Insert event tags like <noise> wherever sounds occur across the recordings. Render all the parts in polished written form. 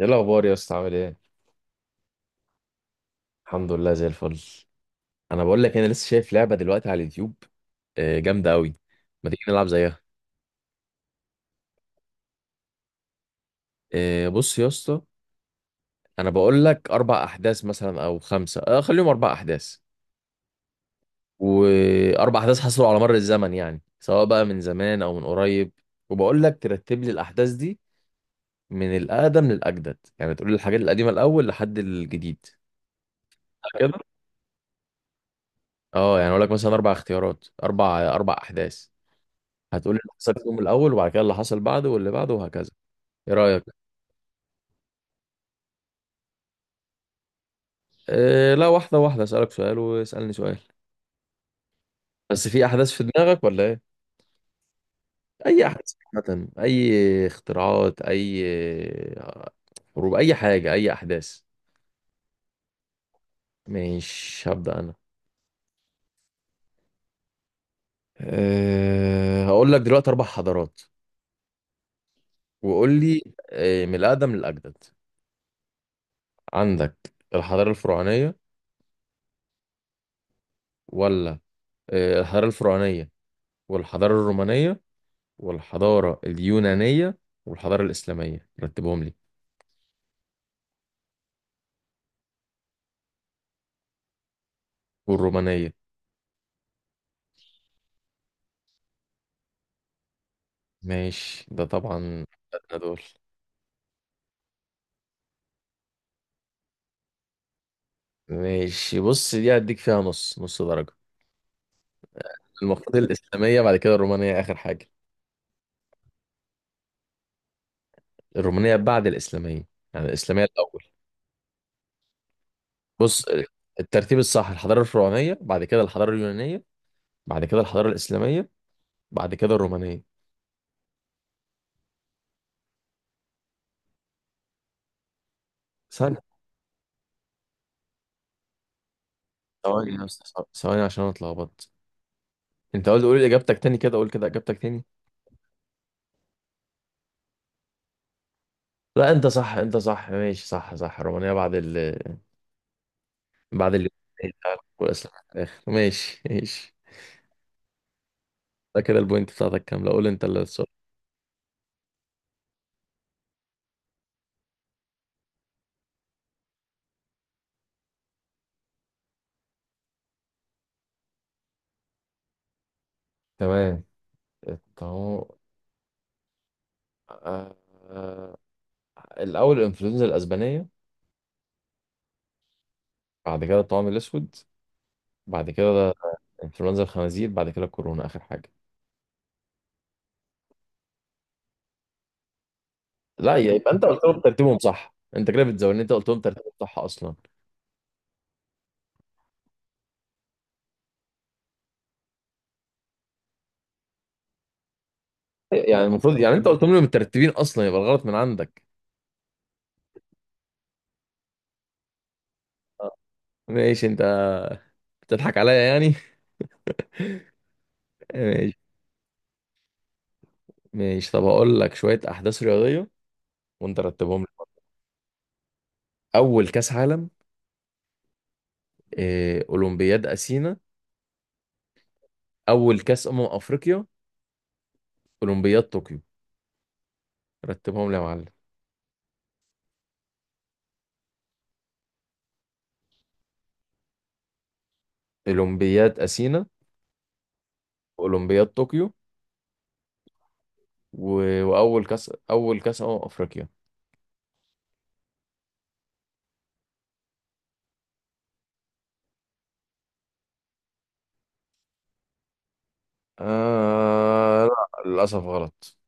ايه الاخبار يا اسطى؟ عامل ايه؟ الحمد لله، زي الفل. انا بقول لك انا لسه شايف لعبه دلوقتي على اليوتيوب، آه، جامده قوي. ما تيجي نلعب زيها؟ آه، بص يا اسطى. انا بقول لك اربع احداث مثلا او خمسه، خليهم اربع احداث. واربع احداث حصلوا على مر الزمن، يعني سواء بقى من زمان او من قريب. وبقول لك ترتب لي الاحداث دي من الاقدم للاجدد، يعني تقول لي الحاجات القديمه الاول لحد الجديد. كده. اه، يعني اقول لك مثلا اربع اختيارات، اربع احداث. هتقول اللي حصل في اليوم الاول وبعد كده اللي حصل بعده واللي بعده وهكذا. ايه رايك؟ أه، لا، واحده واحده، اسالك سؤال واسالني سؤال. بس في احداث في دماغك ولا ايه؟ اي احداث عامه، اي اختراعات، اي حروب، اي حاجه، اي احداث. مش هبدا انا. أه، هقول لك دلوقتي اربع حضارات وقول لي. أه، من الاقدم للاجدد. عندك الحضاره الفرعونيه، ولا... أه، الحضاره الفرعونيه والحضاره الرومانيه والحضارة اليونانية والحضارة الإسلامية، رتبهم لي. والرومانية. ماشي، ده طبعا. أدنى دول. ماشي، بص، دي هديك فيها نص نص درجة. المفروض الإسلامية بعد كده الرومانية، آخر حاجة. الرومانية بعد الإسلامية، يعني الإسلامية الأول. بص، الترتيب الصح الحضارة الفرعونية، بعد كده الحضارة اليونانية، بعد كده الحضارة الإسلامية، بعد كده الرومانية. ثانية. ثواني يا أسطى، ثواني عشان أنا اتلخبطت. أنت قلت قول إجابتك تاني كده، قول كده إجابتك تاني. لا، انت صح، انت صح، ماشي، صح صح. رومانيا بعد ال والاسلام في الاخر. ماشي ماشي. ده كده البوينت بتاعتك كامله، قول انت اللي السؤال. تمام. الطاعون. آه... آه، الأول الإنفلونزا الأسبانية، بعد كده الطاعون الأسود، بعد كده إنفلونزا الخنازير، بعد كده الكورونا آخر حاجة. لا، يبقى أنت قلت لهم ترتيبهم صح، أنت كده بتزودني، أنت قلت لهم ترتيبهم صح أصلا. يعني المفروض، يعني انت قلت لهم مترتبين اصلا، يبقى الغلط من عندك. آه. ماشي، انت بتضحك عليا يعني. <laughs> ماشي. ماشي، طب هقول لك شوية أحداث رياضية وأنت رتبهم لي. أول كأس عالم، أولمبياد أثينا، أول كأس أمم أفريقيا، أولمبياد طوكيو، رتبهم لي يا معلم. أولمبياد أثينا، أولمبياد طوكيو، وأول كأس أمم أفريقيا. لا، للأسف غلط.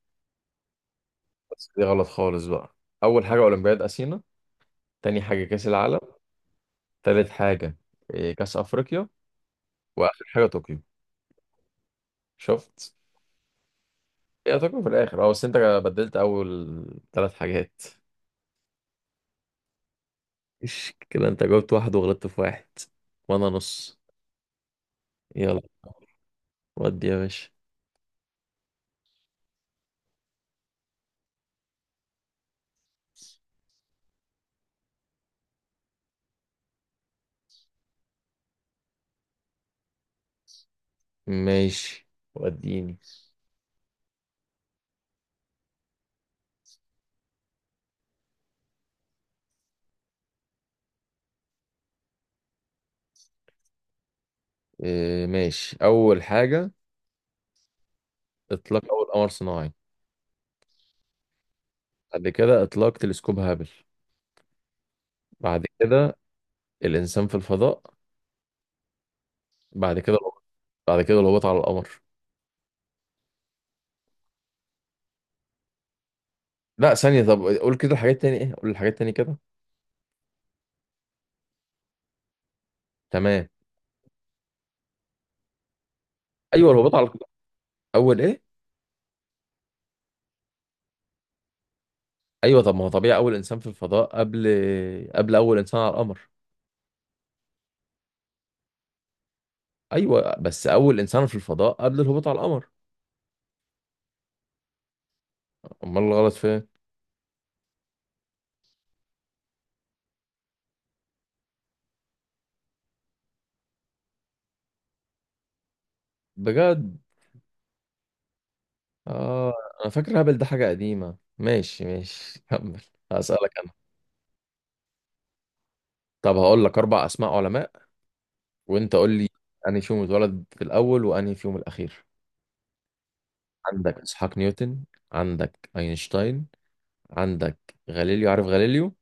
بس دي غلط خالص بقى. أول حاجة أولمبياد أثينا، تاني حاجة كأس العالم، تالت حاجة كأس أفريقيا، وآخر حاجة طوكيو. شفت؟ هي تكمل في الاخر، اه، بس انت بدلت اول ثلاث حاجات. مش كده؟ انت جاوبت واحد وغلطت في واحد، وانا نص. يلا. ودي يا باشا. ماشي، وديني. إيه، ماشي، اول حاجة اطلاق اول قمر صناعي، بعد كده اطلاق تلسكوب هابل، بعد كده الانسان في الفضاء، بعد كده القمر. بعد كده الهبوط على القمر. لا، ثانية، طب قول كده الحاجات تاني، ايه، قول الحاجات تاني كده. تمام. ايوه، الهبوط على القمر. اول ايه؟ ايوه، طب ما هو طبيعي اول انسان في الفضاء قبل اول انسان على القمر. ايوه، بس اول انسان في الفضاء قبل الهبوط على القمر. امال الغلط فين؟ بجد؟ اه. انا فاكر هبل ده حاجه قديمه. ماشي ماشي. <laughs> كمل. هسألك انا. طب هقول لك اربع اسماء علماء وانت قول لي انهي فيهم اتولد في الاول وانهي فيهم الاخير. عندك اسحاق نيوتن، عندك اينشتاين، عندك غاليليو، عارف غاليليو،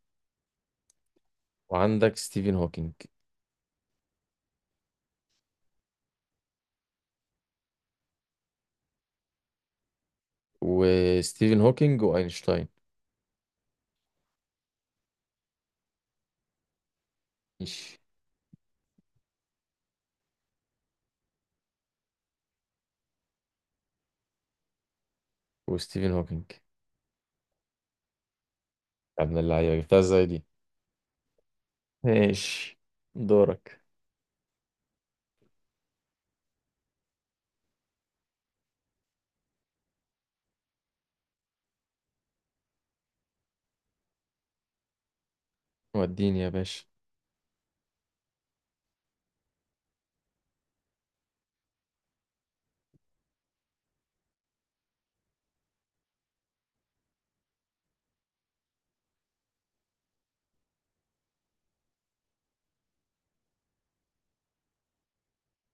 وعندك ستيفن هوكينج. وستيفن هوكينج واينشتاين. ماشي. وستيفن هوكينج. يا ابن اللعيبة، جبتها ازاي دي؟ ماشي، دورك. وديني يا باشا.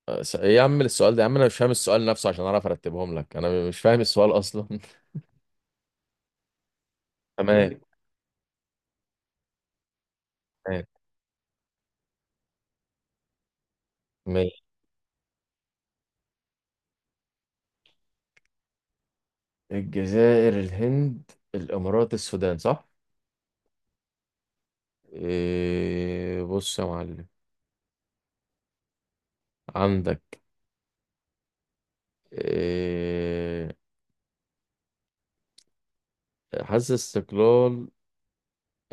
ايه يا عم، السؤال ده يا عم، انا مش فاهم السؤال نفسه عشان اعرف ارتبهم لك، انا مش فاهم السؤال اصلا. <laughs> تمام. تمام، ماشي. الجزائر، الهند، الامارات، السودان، صح. إيه، بص يا معلم. عندك، إيه، حاسس استقلال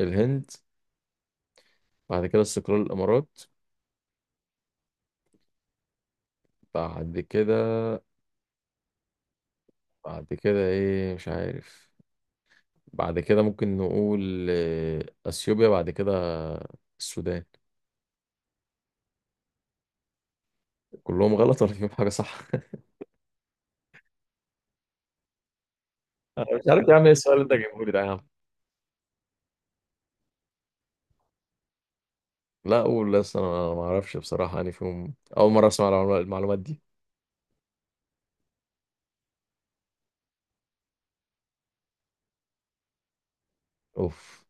الهند، بعد كده استقلال الامارات، بعد كده بعد كده ايه، مش عارف. بعد كده ممكن نقول اثيوبيا، بعد كده السودان. كلهم غلط ولا فيهم حاجه صح؟ <laughs> انا مش عارف يا عم، ايه السؤال اللي انت جايبه لي ده يا عم. لا، قول، لسه انا ما اعرفش بصراحه، يعني فيهم اول مره اسمع المعلومات دي. اوف.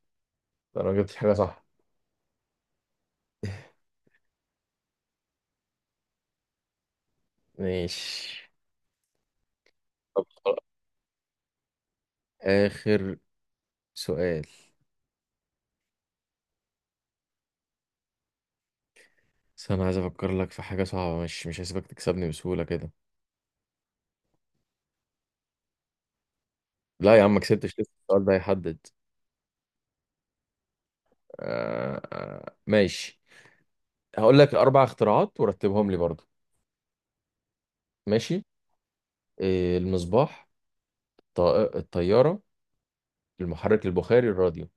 ده انا ما جبتش حاجه صح. <laughs> ماشي. طب خلاص. آخر سؤال. بس أنا عايز أفكر لك في حاجة صعبة، مش هسيبك تكسبني بسهولة كده. لا يا عم، ما كسبتش لسه، السؤال ده هيحدد. آه آه، ماشي. هقول لك أربع اختراعات ورتبهم لي برضو. ماشي. إيه، المصباح، الط- الطيارة، المحرك البخاري، الراديو.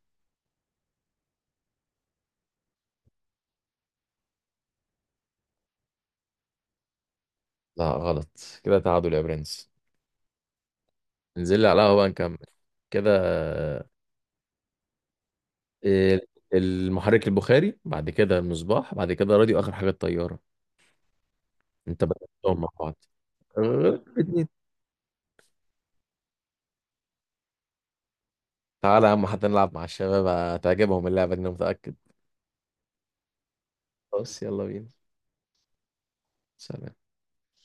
لا غلط. كده تعادل يا برنس. انزل لي على القهوة بقى نكمل. كده. إيه، المحرك البخاري، بعد كده المصباح، بعد كده راديو، آخر حاجة الطيارة. انت بدأتهم مع بعض. غلط الاتنين. تعالى يا عم، حتى نلعب مع الشباب، هتعجبهم اللعبة دي، انا متأكد. خلاص، يلا بينا. سلام.